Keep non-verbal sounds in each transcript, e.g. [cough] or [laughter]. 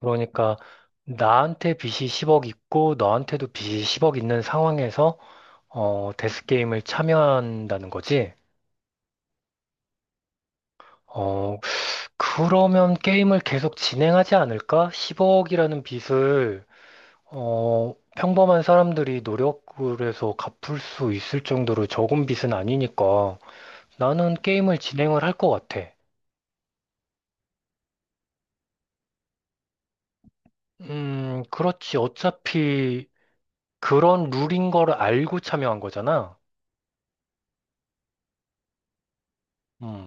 그러니까 나한테 빚이 10억 있고 너한테도 빚이 10억 있는 상황에서 데스 게임을 참여한다는 거지. 어, 그러면 게임을 계속 진행하지 않을까? 10억이라는 빚을 평범한 사람들이 노력을 해서 갚을 수 있을 정도로 적은 빚은 아니니까 나는 게임을 진행을 할 것 같아. 그렇지. 어차피 그런 룰인 걸 알고 참여한 거잖아. 음.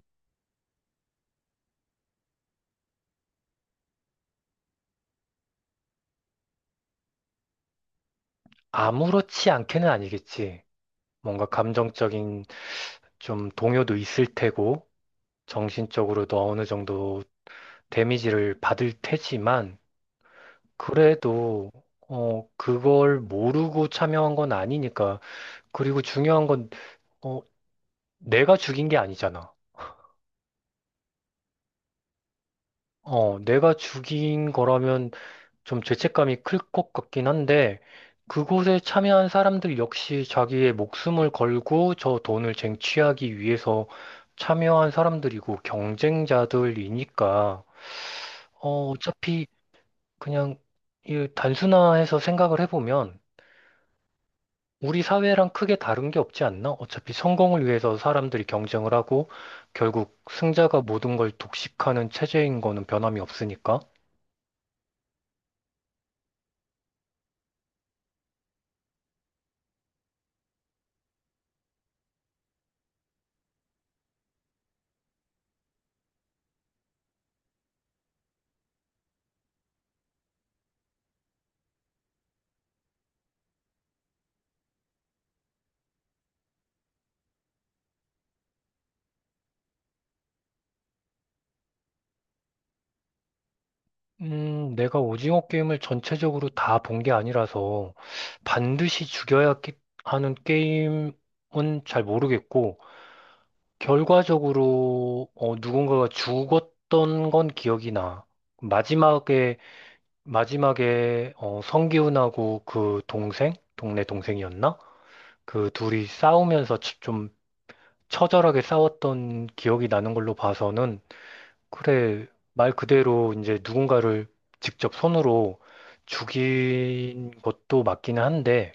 아무렇지 않게는 아니겠지. 뭔가 감정적인 좀 동요도 있을 테고, 정신적으로도 어느 정도 데미지를 받을 테지만, 그래도, 그걸 모르고 참여한 건 아니니까. 그리고 중요한 건, 어, 내가 죽인 게 아니잖아. 내가 죽인 거라면 좀 죄책감이 클 것 같긴 한데, 그곳에 참여한 사람들 역시 자기의 목숨을 걸고 저 돈을 쟁취하기 위해서 참여한 사람들이고 경쟁자들이니까, 어차피 그냥 이 단순화해서 생각을 해보면 우리 사회랑 크게 다른 게 없지 않나? 어차피 성공을 위해서 사람들이 경쟁을 하고 결국 승자가 모든 걸 독식하는 체제인 거는 변함이 없으니까. 내가 오징어 게임을 전체적으로 다 본 게 아니라서 반드시 죽여야 하는 게임은 잘 모르겠고, 결과적으로 누군가가 죽었던 건 기억이 나. 마지막에, 마지막에 성기훈하고 그 동생? 동네 동생이었나? 그 둘이 싸우면서 좀 처절하게 싸웠던 기억이 나는 걸로 봐서는 그래, 말 그대로 이제 누군가를 직접 손으로 죽인 것도 맞기는 한데,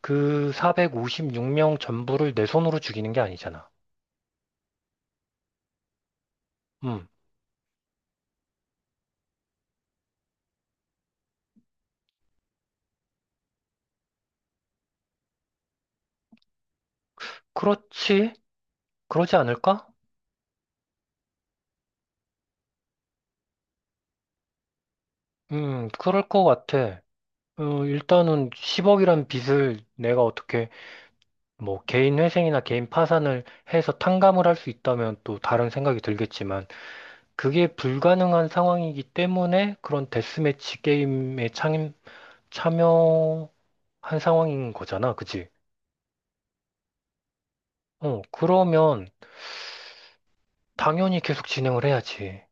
그 456명 전부를 내 손으로 죽이는 게 아니잖아. 음, 그렇지? 그러지 않을까? 그럴 것 같아. 일단은 10억이란 빚을 내가 어떻게 뭐 개인 회생이나 개인 파산을 해서 탕감을 할 수 있다면 또 다른 생각이 들겠지만 그게 불가능한 상황이기 때문에 그런 데스매치 게임에 참여한 상황인 거잖아, 그치? 그러면 당연히 계속 진행을 해야지.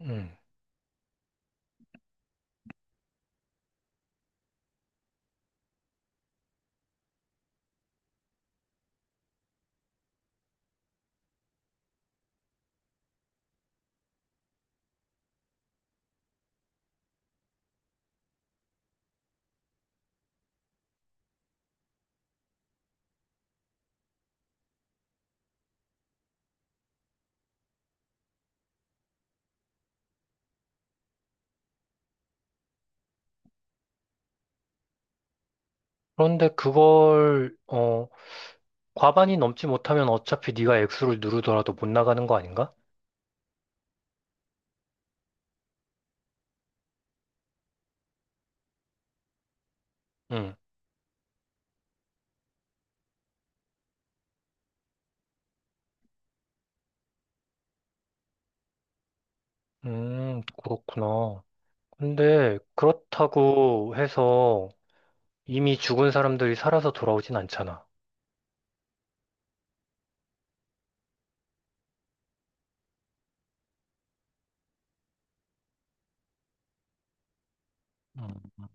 음. 그런데 그걸 과반이 넘지 못하면 어차피 네가 액수를 누르더라도 못 나가는 거 아닌가? 음. 그렇구나. 근데 그렇다고 해서 이미 죽은 사람들이 살아서 돌아오진 않잖아. 음.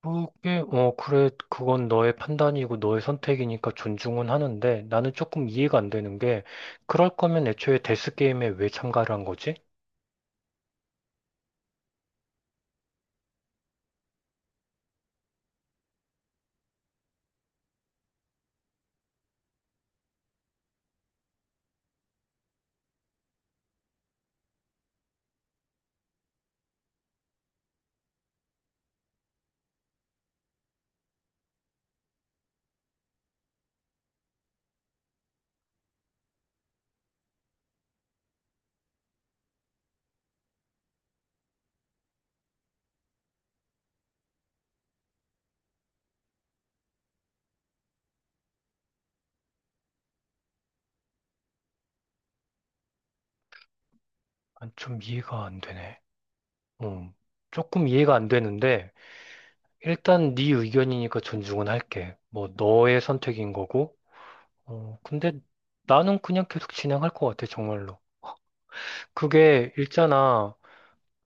그게, 그래, 그건 너의 판단이고 너의 선택이니까 존중은 하는데 나는 조금 이해가 안 되는 게 그럴 거면 애초에 데스게임에 왜 참가를 한 거지? 난 좀 이해가 안 되네. 음, 조금 이해가 안 되는데 일단 네 의견이니까 존중은 할게. 뭐 너의 선택인 거고. 근데 나는 그냥 계속 진행할 것 같아, 정말로. 그게 있잖아.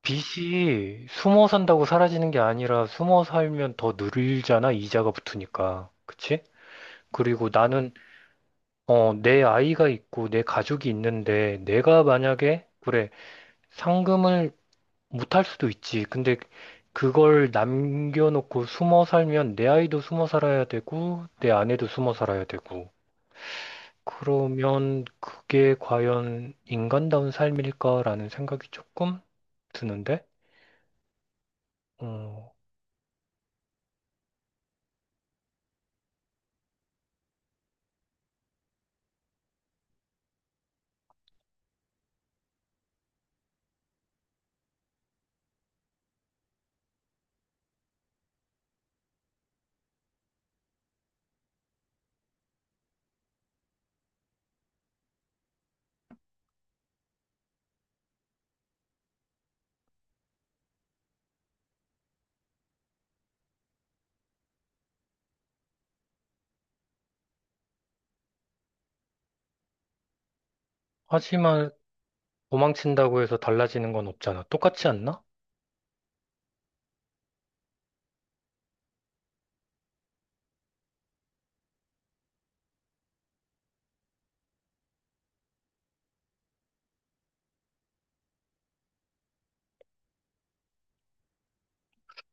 빚이 숨어 산다고 사라지는 게 아니라 숨어 살면 더 늘잖아, 이자가 붙으니까. 그치? 그리고 나는 내 아이가 있고 내 가족이 있는데 내가 만약에 그래 상금을 못할 수도 있지. 근데 그걸 남겨놓고 숨어 살면 내 아이도 숨어 살아야 되고 내 아내도 숨어 살아야 되고 그러면 그게 과연 인간다운 삶일까라는 생각이 조금 드는데 어, 하지만 도망친다고 해서 달라지는 건 없잖아. 똑같지 않나?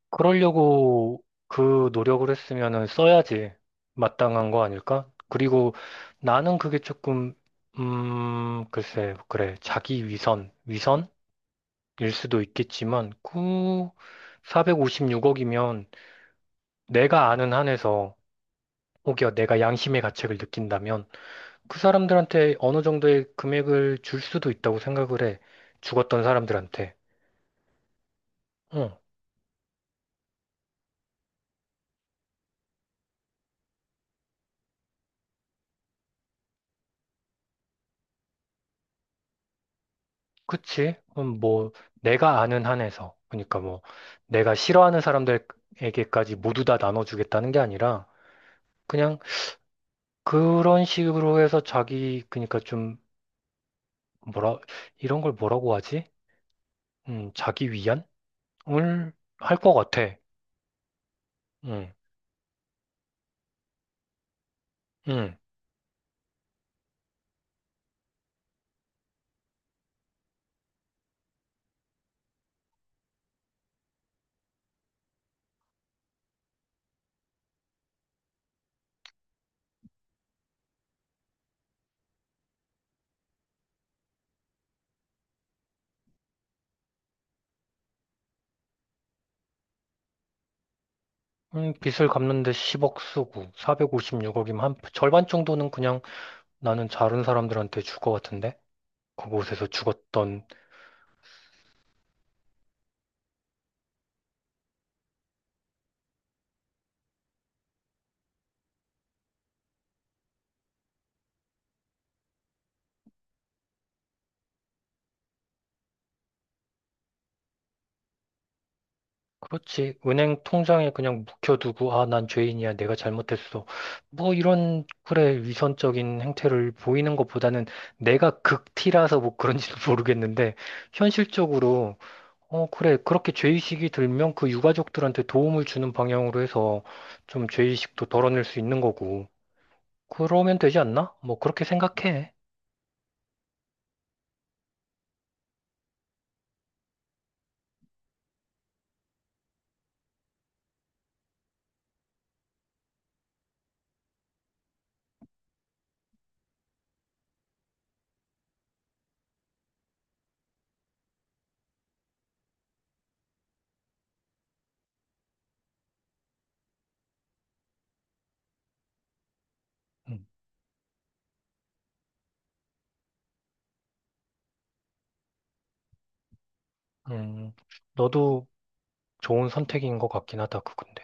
그러려고 그 노력을 했으면은 써야지 마땅한 거 아닐까? 그리고 나는 그게 조금, 글쎄, 그래. 자기 위선일 수도 있겠지만, 그 456억이면 내가 아는 한에서 혹여 내가 양심의 가책을 느낀다면 그 사람들한테 어느 정도의 금액을 줄 수도 있다고 생각을 해. 죽었던 사람들한테. 응. 그치? 그럼 뭐, 내가 아는 한에서. 그러니까 뭐, 내가 싫어하는 사람들에게까지 모두 다 나눠주겠다는 게 아니라, 그냥 그런 식으로 해서 자기, 그러니까 좀, 뭐라, 이런 걸 뭐라고 하지? 자기 위안을 할 것 같아. 음, 음. 빚을 갚는데 10억 쓰고, 456억이면 한 절반 정도는 그냥 나는 다른 사람들한테 줄 것 같은데? 그곳에서 죽었던 그렇지. 은행 통장에 그냥 묵혀두고, 아, 난 죄인이야. 내가 잘못했어. 뭐 이런, 그래, 위선적인 행태를 보이는 것보다는 내가 극티라서 뭐 그런지도 [laughs] 모르겠는데, 현실적으로, 그래, 그렇게 죄의식이 들면 그 유가족들한테 도움을 주는 방향으로 해서 좀 죄의식도 덜어낼 수 있는 거고. 그러면 되지 않나? 뭐 그렇게 생각해. 음, 음. 너도 좋은 선택인 것 같긴 하다, 그건데.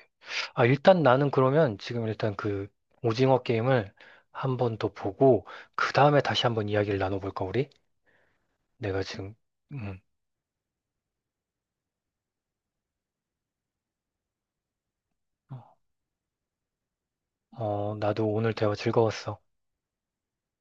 아, 일단 나는 그러면 지금 일단 그 오징어 게임을 한번 더 보고, 그 다음에 다시 한번 이야기를 나눠볼까, 우리? 내가 지금, 음, 나도 오늘 대화 즐거웠어.